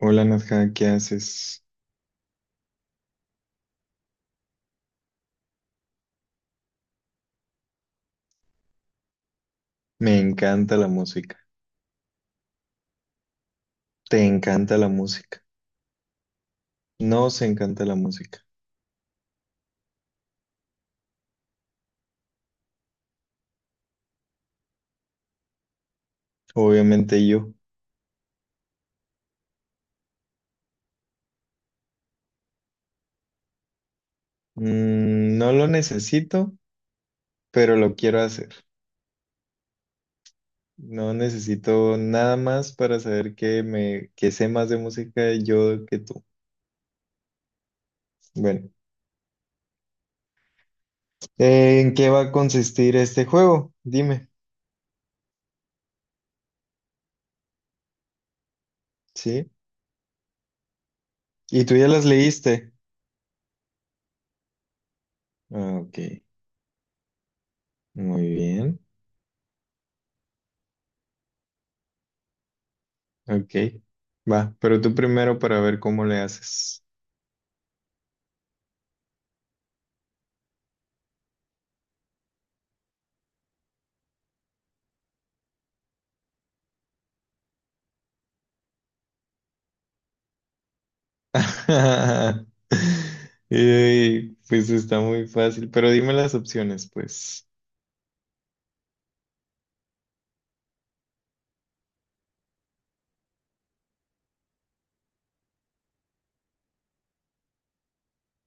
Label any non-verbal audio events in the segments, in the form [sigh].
Hola Nadja, ¿qué haces? Me encanta la música. ¿Te encanta la música? Nos encanta la música. Obviamente yo. No lo necesito, pero lo quiero hacer. No necesito nada más para saber que sé más de música yo que tú. Bueno, ¿en qué va a consistir este juego? Dime, ¿sí? ¿Y tú ya las leíste? Ah, ok, muy bien. Ok, va, pero tú primero para ver cómo le haces. [laughs] Pues está muy fácil, pero dime las opciones, pues.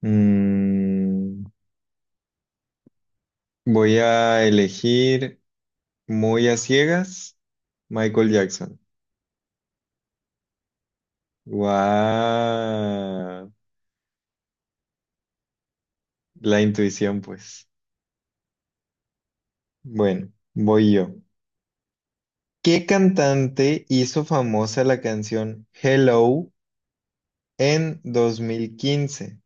Mm, Voy a elegir muy a ciegas Michael Jackson. Guau, la intuición, pues. Bueno, voy yo. ¿Qué cantante hizo famosa la canción Hello en 2015?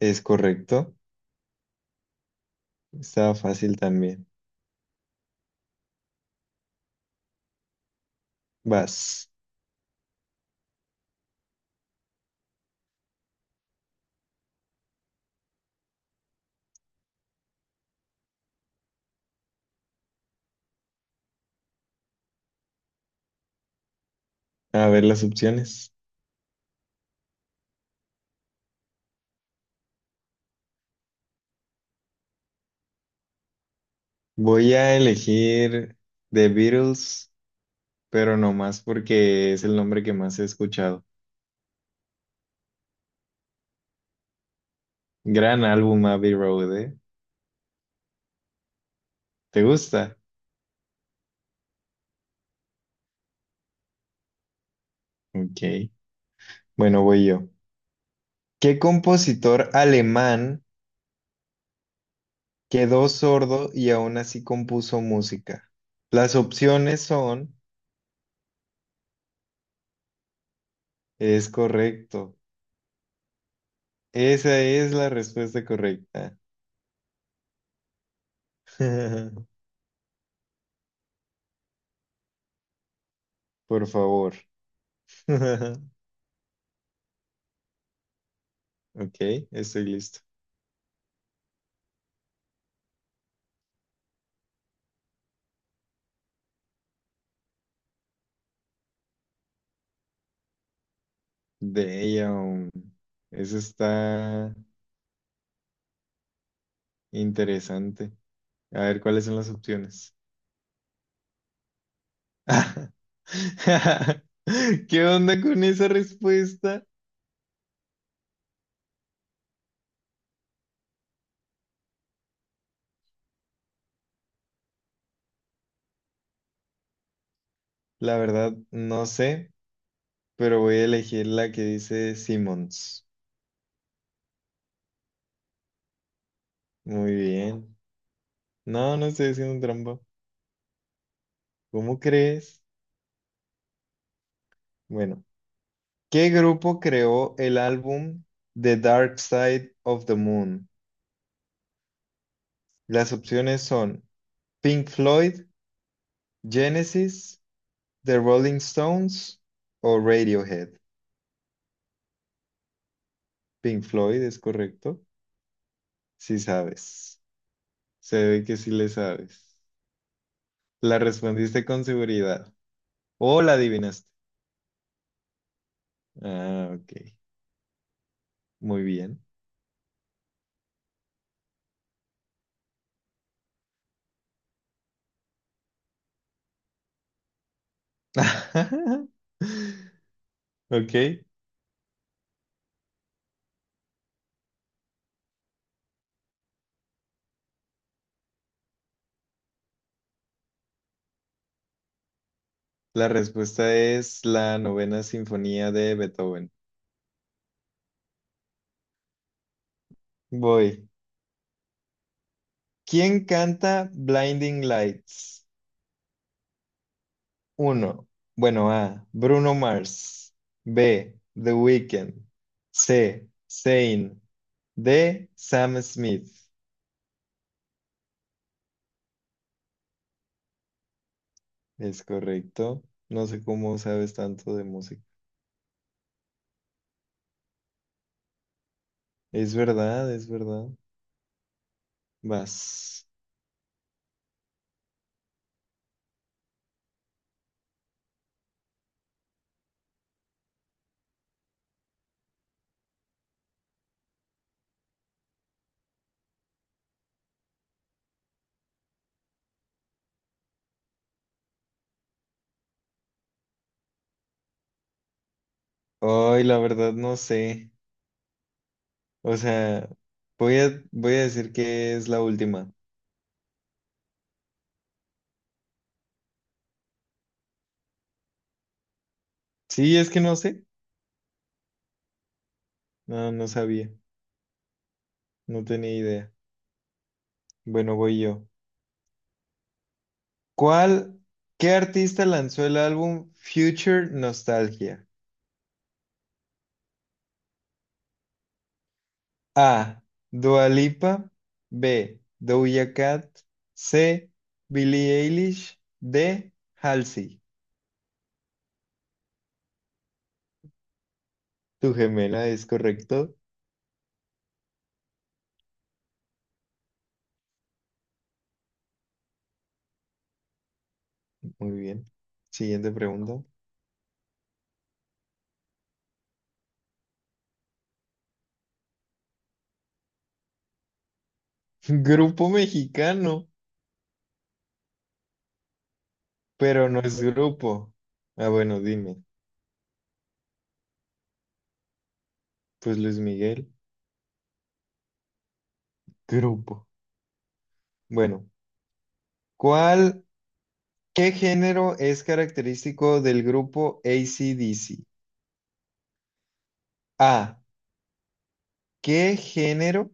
Es correcto. Estaba fácil también. Vas a ver las opciones. Voy a elegir The Beatles, pero no más porque es el nombre que más he escuchado. Gran álbum Abbey Road, ¿eh? ¿Te gusta? Ok. Bueno, voy yo. ¿Qué compositor alemán quedó sordo y aún así compuso música? Las opciones son, es correcto. Esa es la respuesta correcta. [laughs] Por favor. [laughs] Ok, estoy listo. Damn. Eso está. Interesante. A ver, ¿cuáles son las opciones? [laughs] ¿Qué onda con esa respuesta? La verdad, no sé, pero voy a elegir la que dice Simmons. Muy bien. No, no estoy haciendo trampa. ¿Cómo crees? Bueno, ¿qué grupo creó el álbum The Dark Side of the Moon? Las opciones son Pink Floyd, Genesis, The Rolling Stones o Radiohead. Pink Floyd, es correcto. Sí sabes. Se ve que sí le sabes. La respondiste con seguridad. O la adivinaste. Ah, ok. Muy bien. [laughs] Ok. La respuesta es la novena sinfonía de Beethoven. Voy. ¿Quién canta Blinding Lights? Uno, bueno, A. Bruno Mars. B. The Weeknd. C. Zayn. D. Sam Smith. Es correcto. No sé cómo sabes tanto de música. Es verdad, es verdad. Vas. Ay, la verdad, no sé. O sea, voy a decir que es la última. Sí, es que no sé. No, no sabía. No tenía idea. Bueno, voy yo. ¿Cuál? ¿Qué artista lanzó el álbum Future Nostalgia? A. Dua Lipa. B. Doja Cat. C. Billie Eilish. D. Halsey. Tu gemela es correcto. Muy bien. Siguiente pregunta. [laughs] Grupo mexicano, pero no es grupo. Ah, bueno, dime. Pues Luis Miguel, grupo. Bueno, ¿cuál, ¿qué género es característico del grupo AC/DC? A. ¿Qué género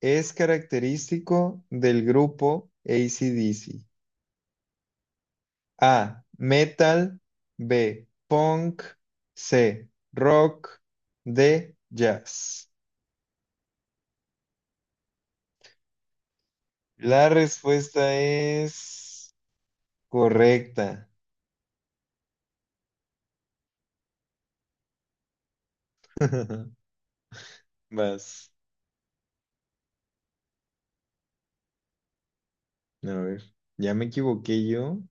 es característico del grupo AC/DC? A. Metal. B. Punk. C. Rock. D. Jazz. La respuesta es correcta. [laughs] Vas. A ver, ya me equivoqué yo.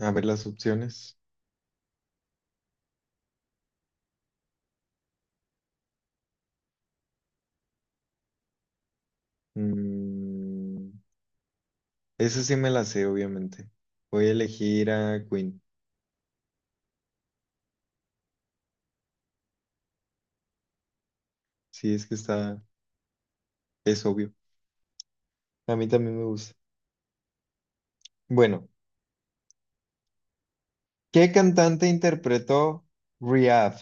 A ver las opciones. Mm, esa sí me la sé, obviamente. Voy a elegir a Queen. Sí, es que está, es obvio. A mí también me gusta. Bueno, ¿qué cantante interpretó Rehab?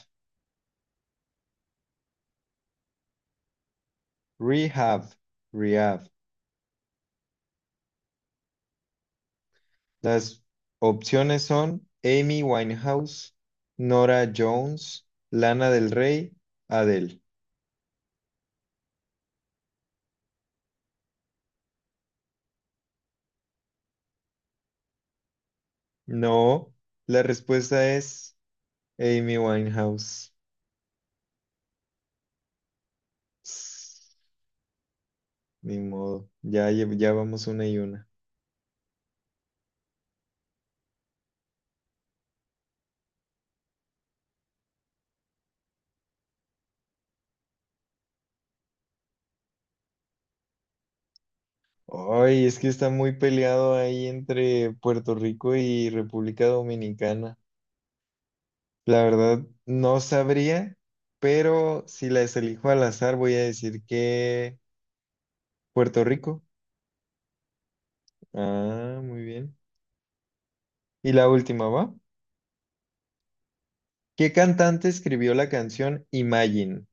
Rehab, Rehab. Las opciones son Amy Winehouse, Nora Jones, Lana del Rey, Adele. No, la respuesta es Amy Winehouse. Ss, ni modo, ya, ya vamos una y una. Ay, es que está muy peleado ahí entre Puerto Rico y República Dominicana. La verdad, no sabría, pero si las elijo al azar, voy a decir que Puerto Rico. Ah, muy bien. Y la última, ¿va? ¿Qué cantante escribió la canción Imagine?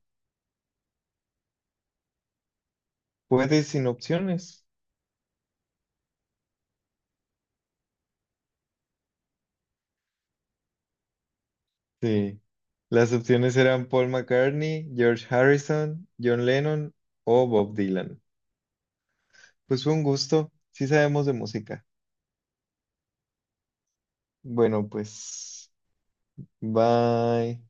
Puedes sin opciones. Sí. Las opciones eran Paul McCartney, George Harrison, John Lennon o Bob Dylan. Pues fue un gusto. Sí sabemos de música. Bueno, pues. Bye.